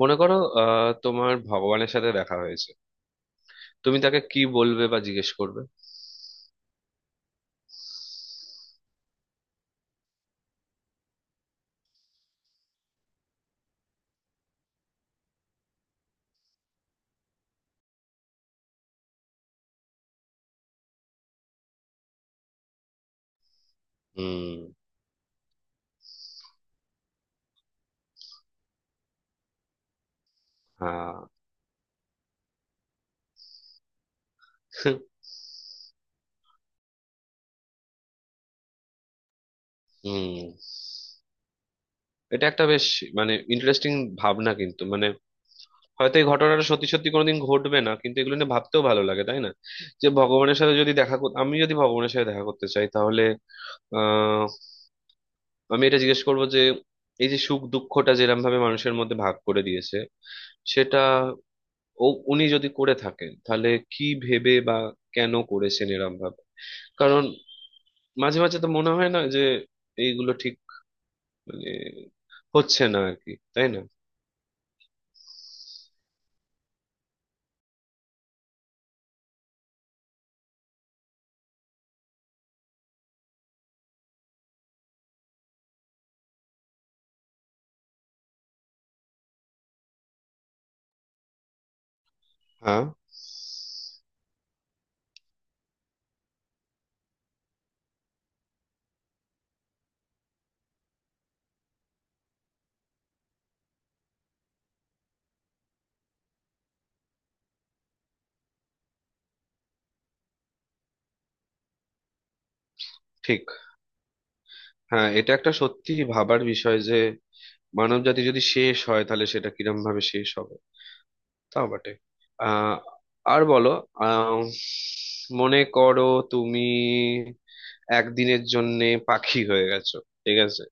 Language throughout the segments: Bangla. মনে করো তোমার ভগবানের সাথে দেখা হয়েছে। তুমি তাকে কি বলবে বা জিজ্ঞেস করবে? হুম। হ্যাঁ। হুম। এটা একটা বেশ ইন্টারেস্টিং ভাবনা, কিন্তু মানে হয়তো এই ঘটনাটা সত্যি সত্যি কোনোদিন ঘটবে না, কিন্তু এগুলো নিয়ে ভাবতেও ভালো লাগে, তাই না? যে ভগবানের সাথে আমি যদি ভগবানের সাথে দেখা করতে চাই তাহলে আহ আমি এটা জিজ্ঞেস করবো যে এই যে সুখ দুঃখটা যেরকম ভাবে মানুষের মধ্যে ভাগ করে দিয়েছে সেটা, ও, উনি যদি করে থাকেন তাহলে কি ভেবে বা কেন করেছেন এরম ভাবে। কারণ মাঝে মাঝে তো মনে হয় না যে এইগুলো ঠিক মানে হচ্ছে না আর কি, তাই না? হ্যাঁ, ঠিক। হ্যাঁ, এটা একটা সত্যি ভাবার বিষয় যে মানবজাতি যদি শেষ হয় তাহলে সেটা কিরম ভাবে শেষ হবে। তাও বটে। আহ আর বলো। আহ মনে করো তুমি একদিনের জন্যে পাখি হয়ে গেছো, ঠিক আছে?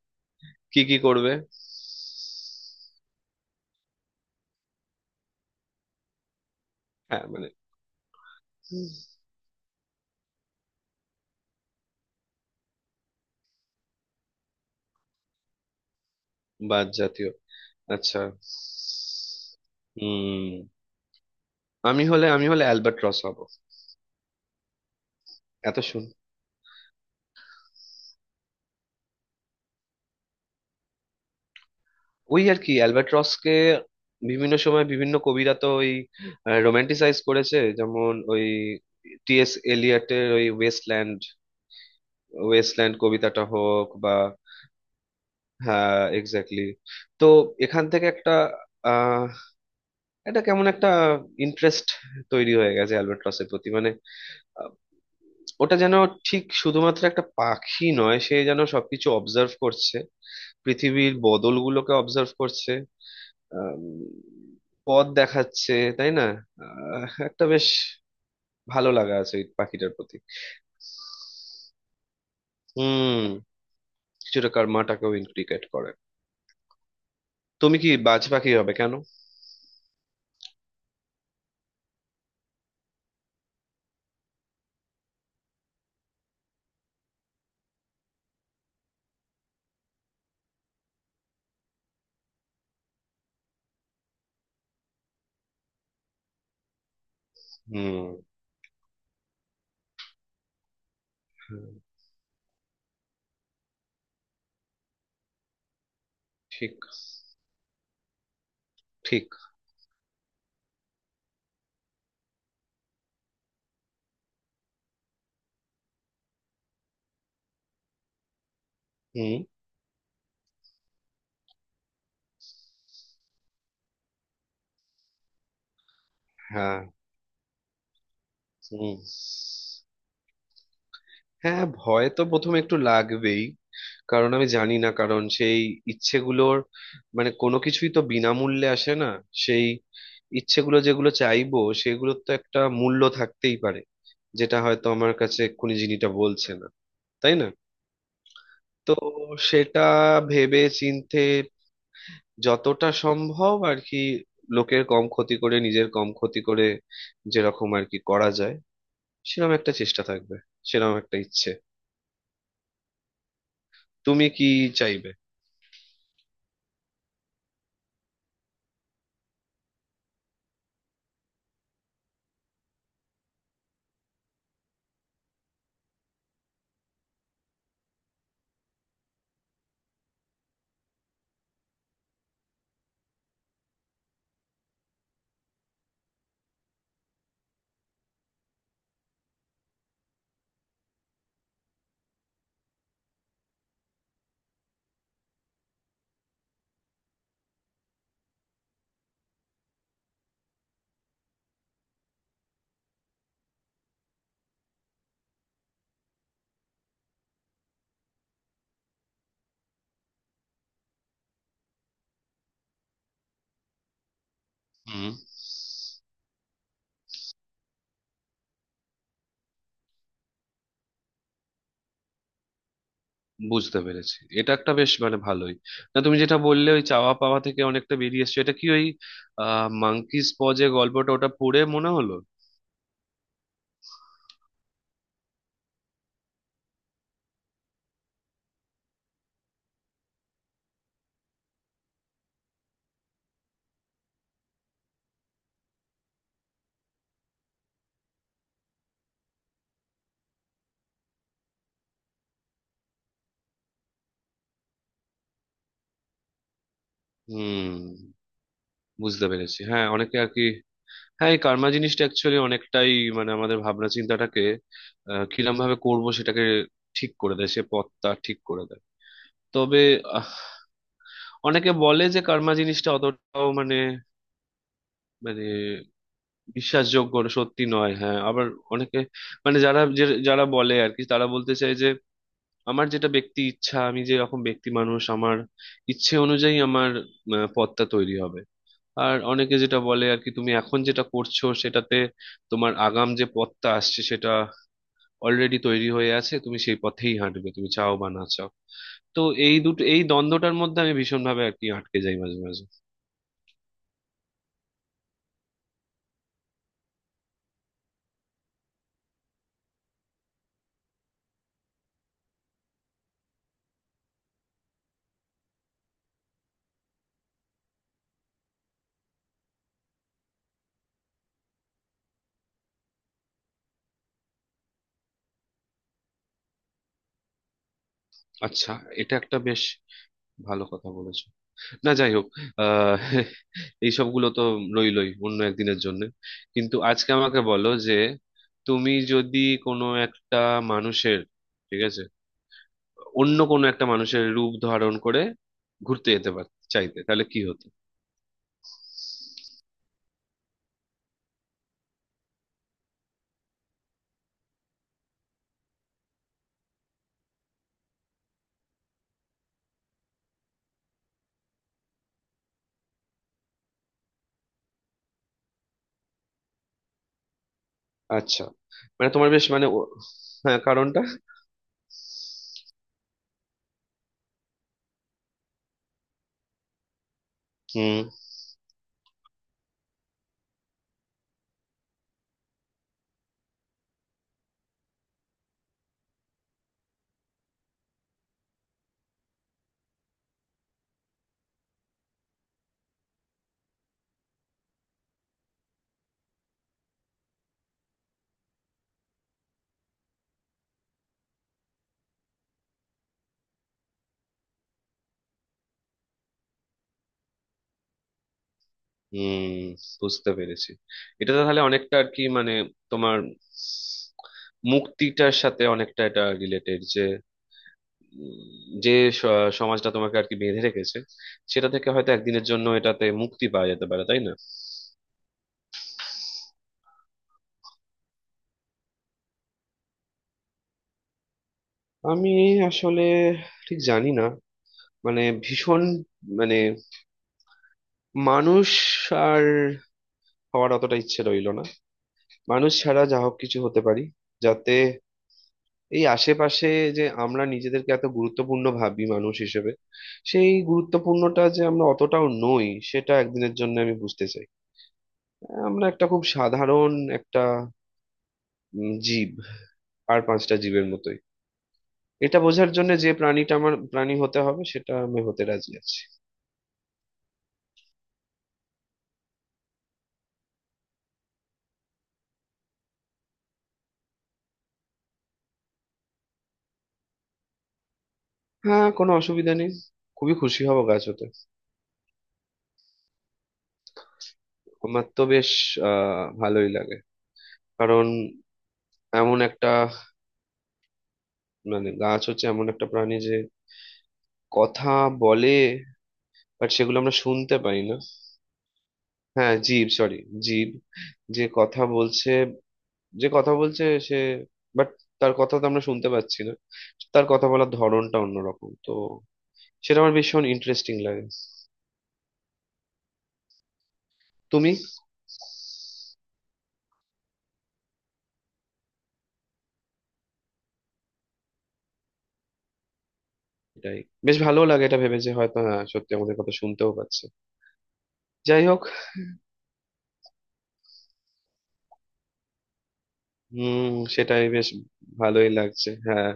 কি কি করবে? হ্যাঁ মানে বাদ জাতীয়। আচ্ছা। হুম। আমি হলে আমি হলে অ্যালবার্ট রস হব। এত শুন। ওই আর কি অ্যালবার্ট রসকে বিভিন্ন সময় বিভিন্ন কবিরা তো ওই রোমান্টিসাইজ করেছে, যেমন ওই টিএস এলিয়টের ওই ওয়েস্টল্যান্ড, ওয়েস্টল্যান্ড কবিতাটা হোক বা। হ্যাঁ, এক্স্যাক্টলি। তো এখান থেকে একটা আহ এটা কেমন একটা ইন্টারেস্ট তৈরি হয়ে গেছে অ্যালবার্ট রসের প্রতি। মানে আহ, ওটা যেন ঠিক শুধুমাত্র একটা পাখি নয়, সে যেন সবকিছু অবজার্ভ করছে, পৃথিবীর বদলগুলোকে অবজার্ভ করছে। আম, পথ দেখাচ্ছে, তাই না? একটা বেশ ভালো লাগা আছে এই পাখিটার প্রতি। হুম। কিছুটা কর্মাটাকেও ইনক্রিকেট করে। তুমি কি বাজ পাখি হবে কেন? হুম। হুম, ঠিক। ঠিক। হুম। হ্যাঁ। হুম। হ্যাঁ, ভয় তো প্রথমে একটু লাগবেই। কারণ আমি জানি না, কারণ সেই ইচ্ছেগুলোর মানে কোনো কিছুই তো বিনামূল্যে আসে না। সেই ইচ্ছেগুলো যেগুলো চাইবো সেগুলোর তো একটা মূল্য থাকতেই পারে, যেটা হয়তো আমার কাছে এক্ষুনি জিনিসটা বলছে না, তাই না? তো সেটা ভেবে চিন্তে যতটা সম্ভব আর কি, লোকের কম ক্ষতি করে নিজের কম ক্ষতি করে যেরকম আর কি করা যায় সেরকম একটা চেষ্টা থাকবে, সেরকম একটা ইচ্ছে। তুমি কি চাইবে? হুম। বুঝতে পেরেছি, এটা একটা বেশ মানে ভালোই। না তুমি যেটা বললে ওই চাওয়া পাওয়া থেকে অনেকটা বেরিয়ে এসছো, এটা কি ওই মাঙ্কিস পজে গল্পটা ওটা পড়ে মনে হলো? হুম। বুঝতে পেরেছি। হ্যাঁ, অনেকে আর কি। হ্যাঁ, এই কার্মা জিনিসটা অ্যাকচুয়ালি অনেকটাই মানে আমাদের ভাবনা চিন্তাটাকে কিরম ভাবে করবো সেটাকে ঠিক করে দেয়, সে পথটা ঠিক করে দেয়। তবে আহ, অনেকে বলে যে কার্মা জিনিসটা অতটাও মানে মানে বিশ্বাসযোগ্য না, সত্যি নয়। হ্যাঁ আবার অনেকে মানে যারা বলে আর কি তারা বলতে চায় যে আমার যেটা ব্যক্তি ইচ্ছা, আমি যেরকম ব্যক্তি মানুষ, আমার ইচ্ছে অনুযায়ী আমার পথটা তৈরি হবে। আর অনেকে যেটা বলে আর কি, তুমি এখন যেটা করছো সেটাতে তোমার আগাম যে পথটা আসছে সেটা অলরেডি তৈরি হয়ে আছে, তুমি সেই পথেই হাঁটবে, তুমি চাও বা না চাও। তো এই দুটো এই দ্বন্দ্বটার মধ্যে আমি ভীষণভাবে আর কি আটকে যাই মাঝে মাঝে। আচ্ছা। এটা একটা বেশ ভালো কথা বলেছো। না যাই হোক, আহ এইসবগুলো তো রইলই অন্য একদিনের জন্য। কিন্তু আজকে আমাকে বলো যে তুমি যদি কোনো একটা মানুষের, ঠিক আছে, অন্য কোনো একটা মানুষের রূপ ধারণ করে ঘুরতে যেতে পার চাইতে তাহলে কি হতো? আচ্ছা। তোমার বেশ মানে হ্যাঁ কারণটা। হুম। হুম। বুঝতে পেরেছি। এটা তো তাহলে অনেকটা আর কি মানে তোমার মুক্তিটার সাথে অনেকটা এটা রিলেটেড, যে যে স- সমাজটা তোমাকে আর কি বেঁধে রেখেছে সেটা থেকে হয়তো একদিনের জন্য এটাতে মুক্তি পাওয়া যেতে পারে, তাই না? আমি আসলে ঠিক জানি না। মানে ভীষণ মানে মানুষ আর হওয়ার অতটা ইচ্ছে রইলো না। মানুষ ছাড়া যা হোক কিছু হতে পারি, যাতে এই আশেপাশে যে আমরা নিজেদেরকে এত গুরুত্বপূর্ণ ভাবি মানুষ হিসেবে, সেই গুরুত্বপূর্ণটা যে আমরা অতটাও নই সেটা একদিনের জন্য আমি বুঝতে চাই। আমরা একটা খুব সাধারণ একটা জীব, আর পাঁচটা জীবের মতোই। এটা বোঝার জন্য যে প্রাণীটা আমার প্রাণী হতে হবে সেটা আমি হতে রাজি আছি। হ্যাঁ, কোনো অসুবিধা নেই। খুবই খুশি হব গাছ হতে। আমার তো বেশ ভালোই লাগে। কারণ এমন একটা মানে গাছ হচ্ছে এমন একটা প্রাণী যে কথা বলে, বাট সেগুলো আমরা শুনতে পাই না। হ্যাঁ জীব, সরি জীব। যে কথা বলছে, যে কথা বলছে সে, বাট তার কথা তো আমরা শুনতে পাচ্ছি না। তার কথা বলার ধরনটা অন্যরকম তো, সেটা আমার ভীষণ ইন্টারেস্টিং লাগে। তুমি। এটাই বেশ ভালো লাগে এটা ভেবে যে হয়তো হ্যাঁ সত্যি আমাদের কথা শুনতেও পাচ্ছে। যাই হোক। হুম, সেটাই বেশ ভালোই লাগছে। হ্যাঁ।